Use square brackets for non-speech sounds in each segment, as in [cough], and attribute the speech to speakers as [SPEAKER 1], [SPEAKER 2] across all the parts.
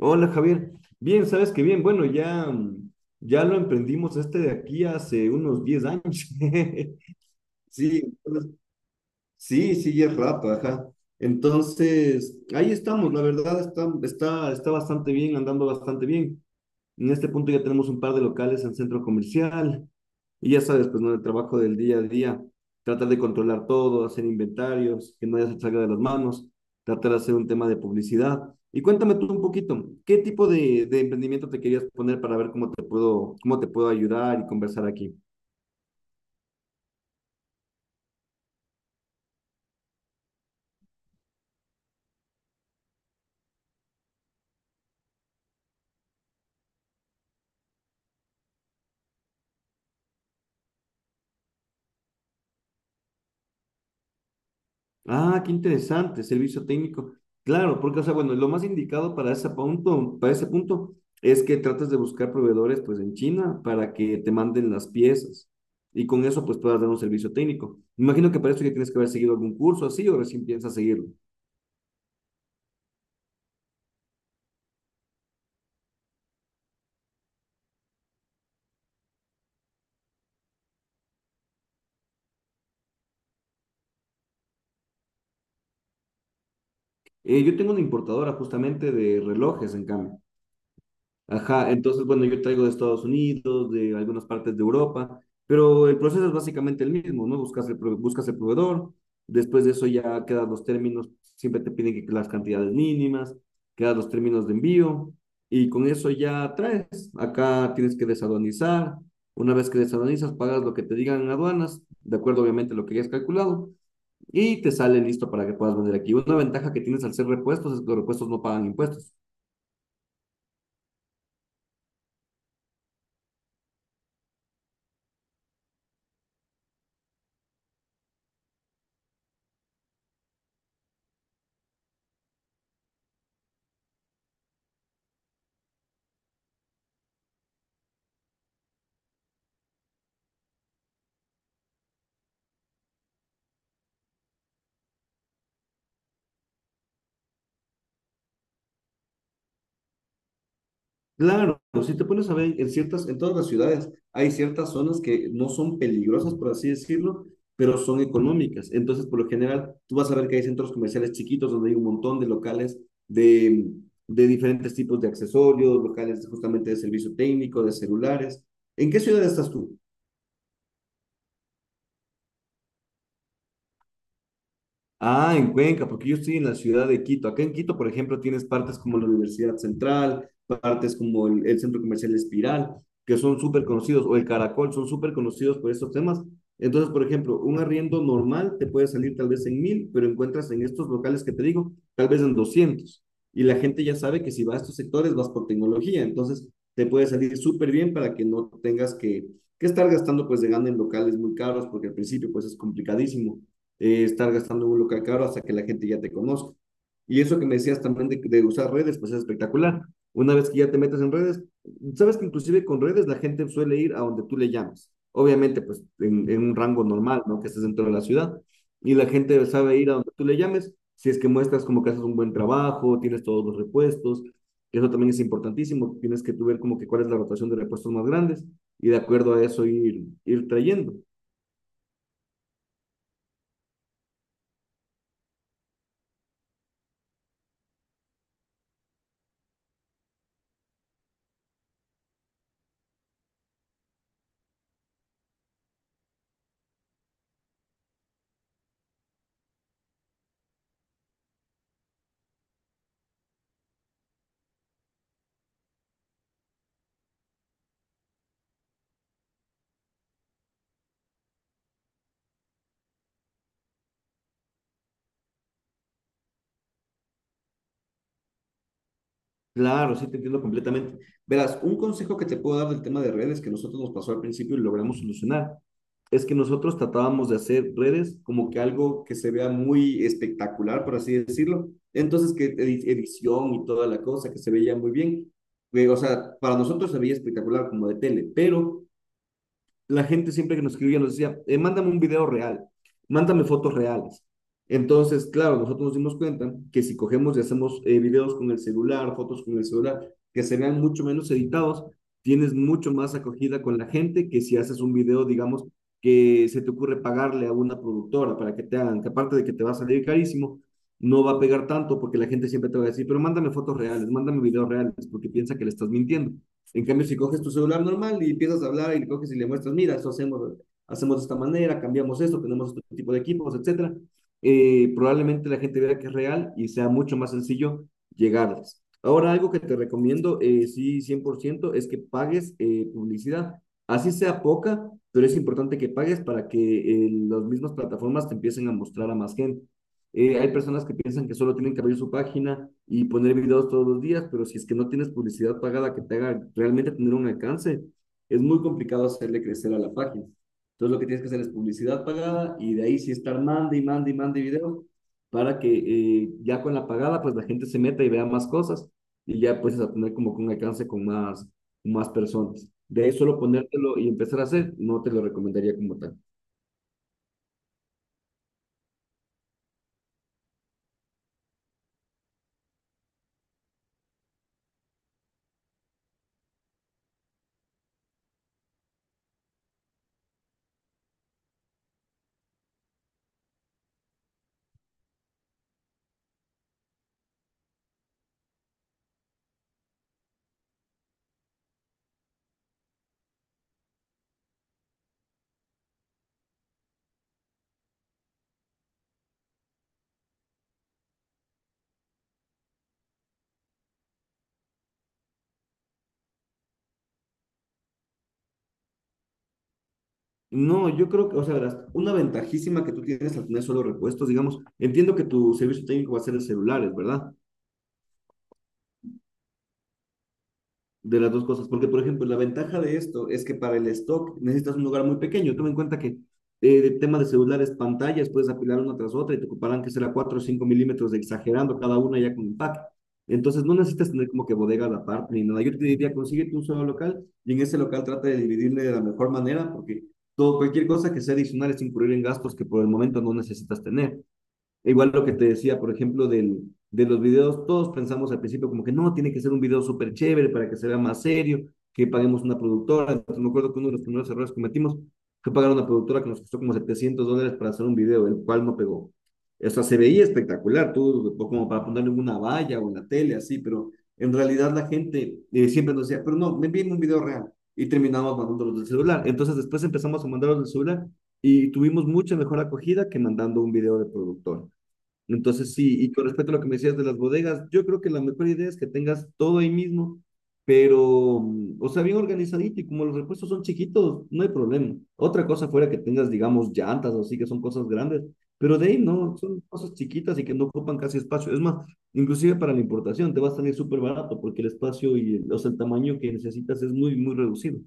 [SPEAKER 1] Hola Javier, bien, sabes que bien, bueno, ya, ya lo emprendimos este de aquí hace unos 10 años. [laughs] Sí, entonces- sí, sí, ya es rato, ajá. Entonces, ahí estamos, la verdad está bastante bien, andando bastante bien. En este punto ya tenemos un par de locales en centro comercial, y ya sabes, pues, ¿no? El trabajo del día a día, tratar de controlar todo, hacer inventarios, que no ya se salga de las manos, tratar de hacer un tema de publicidad. Y cuéntame tú un poquito, ¿qué tipo de emprendimiento te querías poner para ver cómo te puedo ayudar y conversar aquí? Ah, qué interesante, servicio técnico. Claro, porque, o sea, bueno, lo más indicado para ese punto, es que trates de buscar proveedores, pues, en China para que te manden las piezas y con eso, pues, puedas dar un servicio técnico. Me imagino que para eso ya tienes que haber seguido algún curso así o recién piensas seguirlo. Yo tengo una importadora justamente de relojes, en cambio. Ajá, entonces, bueno, yo traigo de Estados Unidos, de algunas partes de Europa, pero el proceso es básicamente el mismo, ¿no? Buscas el proveedor, después de eso ya quedan los términos, siempre te piden que las cantidades mínimas, quedan los términos de envío, y con eso ya traes. Acá tienes que desaduanizar, una vez que desaduanizas, pagas lo que te digan en aduanas, de acuerdo obviamente a lo que hayas calculado, y te sale listo para que puedas vender aquí. Una ventaja que tienes al ser repuestos es que los repuestos no pagan impuestos. Claro, si te pones a ver en todas las ciudades hay ciertas zonas que no son peligrosas, por así decirlo, pero son económicas. Entonces, por lo general, tú vas a ver que hay centros comerciales chiquitos donde hay un montón de locales de, de diferentes tipos de accesorios, locales justamente de servicio técnico, de celulares. ¿En qué ciudad estás tú? Ah, en Cuenca, porque yo estoy en la ciudad de Quito. Acá en Quito, por ejemplo, tienes partes como la Universidad Central, partes como el Centro Comercial Espiral, que son súper conocidos, o el Caracol, son súper conocidos por estos temas. Entonces, por ejemplo, un arriendo normal te puede salir tal vez en 1000, pero encuentras en estos locales que te digo, tal vez en 200. Y la gente ya sabe que si vas a estos sectores, vas por tecnología. Entonces, te puede salir súper bien para que no tengas que estar gastando pues de gana en locales muy caros, porque al principio pues es complicadísimo estar gastando en un local caro hasta que la gente ya te conozca. Y eso que me decías también de usar redes, pues es espectacular. Una vez que ya te metes en redes, sabes que inclusive con redes la gente suele ir a donde tú le llamas. Obviamente, pues en un rango normal, ¿no? Que estés dentro de la ciudad. Y la gente sabe ir a donde tú le llames si es que muestras como que haces un buen trabajo, tienes todos los repuestos. Eso también es importantísimo. Tienes que tú ver como que cuál es la rotación de repuestos más grandes y de acuerdo a eso ir trayendo. Claro, sí, te entiendo completamente. Verás, un consejo que te puedo dar del tema de redes que nosotros nos pasó al principio y logramos solucionar, es que nosotros tratábamos de hacer redes como que algo que se vea muy espectacular, por así decirlo. Entonces, que edición y toda la cosa, que se veía muy bien. O sea, para nosotros se veía espectacular como de tele, pero la gente siempre que nos escribía nos decía, mándame un video real, mándame fotos reales. Entonces, claro, nosotros nos dimos cuenta que si cogemos y hacemos videos con el celular, fotos con el celular, que se vean mucho menos editados, tienes mucho más acogida con la gente que si haces un video, digamos, que se te ocurre pagarle a una productora para que te hagan, que aparte de que te va a salir carísimo, no va a pegar tanto porque la gente siempre te va a decir, pero mándame fotos reales, mándame videos reales, porque piensa que le estás mintiendo. En cambio, si coges tu celular normal y empiezas a hablar y le coges y le muestras, mira, eso hacemos, hacemos de esta manera, cambiamos esto, tenemos otro tipo de equipos, etcétera, probablemente la gente vea que es real y sea mucho más sencillo llegarles. Ahora, algo que te recomiendo, sí, 100% es que pagues publicidad. Así sea poca, pero es importante que pagues para que las mismas plataformas te empiecen a mostrar a más gente. Hay personas que piensan que solo tienen que abrir su página y poner videos todos los días, pero si es que no tienes publicidad pagada que te haga realmente tener un alcance, es muy complicado hacerle crecer a la página. Entonces lo que tienes que hacer es publicidad pagada y de ahí sí estar mande y mande y mande videos para que ya con la pagada pues la gente se meta y vea más cosas y ya puedes tener como que un alcance con más, más personas. De ahí solo ponértelo y empezar a hacer, no te lo recomendaría como tal. No, yo creo que, o sea, verás, una ventajísima que tú tienes al tener solo repuestos, digamos, entiendo que tu servicio técnico va a ser de celulares, ¿verdad? De las dos cosas, porque por ejemplo, la ventaja de esto es que para el stock necesitas un lugar muy pequeño. Toma en cuenta que el tema de celulares, pantallas, puedes apilar una tras otra y te ocuparán que será 4 o 5 mm de exagerando cada una ya con empaque. Entonces no necesitas tener como que bodega aparte ni nada. Yo te diría, consíguete un solo local y en ese local trata de dividirle de la mejor manera porque todo, cualquier cosa que sea adicional es incurrir en gastos que por el momento no necesitas tener. E igual lo que te decía, por ejemplo, de los videos, todos pensamos al principio como que no, tiene que ser un video súper chévere para que se vea más serio, que paguemos una productora. Entonces, me acuerdo que uno de los primeros errores que cometimos fue pagar a una productora que nos costó como $700 para hacer un video, el cual no pegó. O sea, se veía espectacular, tú, como para ponerle una valla o en la tele, así, pero en realidad la gente siempre nos decía, pero no, me envíen un video real. Y terminamos mandándolos del celular. Entonces, después empezamos a mandarlos del celular y tuvimos mucha mejor acogida que mandando un video de productor. Entonces, sí, y con respecto a lo que me decías de las bodegas, yo creo que la mejor idea es que tengas todo ahí mismo, pero, o sea, bien organizadito y como los repuestos son chiquitos, no hay problema. Otra cosa fuera que tengas, digamos, llantas o así, que son cosas grandes, pero de ahí no, son cosas chiquitas y que no ocupan casi espacio. Es más, inclusive para la importación te va a salir súper barato porque el espacio y o sea, el tamaño que necesitas es muy, muy reducido.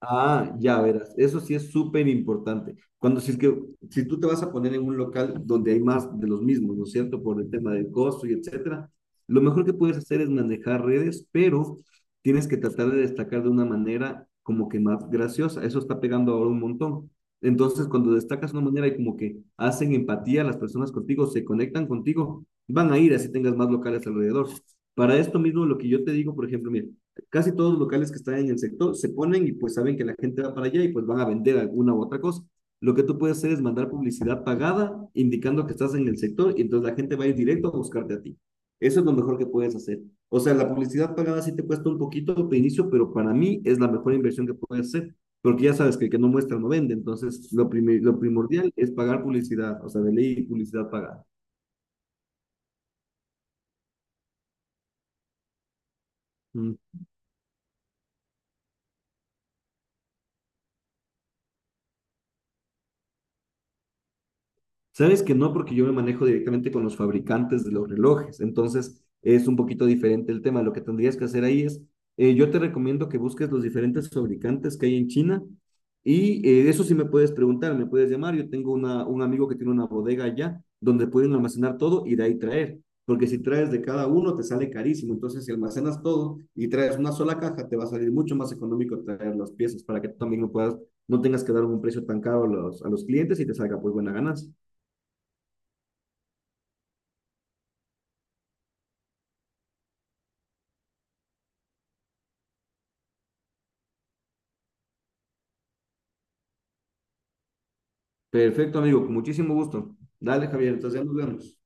[SPEAKER 1] Ah, ya verás, eso sí es súper importante. Cuando si es que si tú te vas a poner en un local donde hay más de los mismos, ¿no es cierto? Por el tema del costo y etcétera, lo mejor que puedes hacer es manejar redes, pero tienes que tratar de destacar de una manera como que más graciosa. Eso está pegando ahora un montón. Entonces, cuando destacas de una manera y como que hacen empatía las personas contigo, se conectan contigo, van a ir así tengas más locales alrededor. Para esto mismo, lo que yo te digo, por ejemplo, mira, casi todos los locales que están en el sector se ponen y pues saben que la gente va para allá y pues van a vender alguna u otra cosa. Lo que tú puedes hacer es mandar publicidad pagada indicando que estás en el sector y entonces la gente va a ir directo a buscarte a ti. Eso es lo mejor que puedes hacer. O sea, la publicidad pagada sí te cuesta un poquito de inicio, pero para mí es la mejor inversión que puedes hacer, porque ya sabes que el que no muestra no vende. Entonces, lo primordial es pagar publicidad, o sea, de ley publicidad pagada. Mm. Sabes que no, porque yo me manejo directamente con los fabricantes de los relojes, entonces es un poquito diferente el tema. Lo que tendrías que hacer ahí es, yo te recomiendo que busques los diferentes fabricantes que hay en China y eso sí me puedes preguntar, me puedes llamar. Yo tengo un amigo que tiene una bodega allá donde pueden almacenar todo y de ahí traer, porque si traes de cada uno te sale carísimo. Entonces, si almacenas todo y traes una sola caja, te va a salir mucho más económico traer las piezas para que tú también no puedas, no tengas que dar un precio tan caro a los clientes y te salga pues buena ganancia. Perfecto, amigo, con muchísimo gusto. Dale, Javier, entonces ya nos vemos.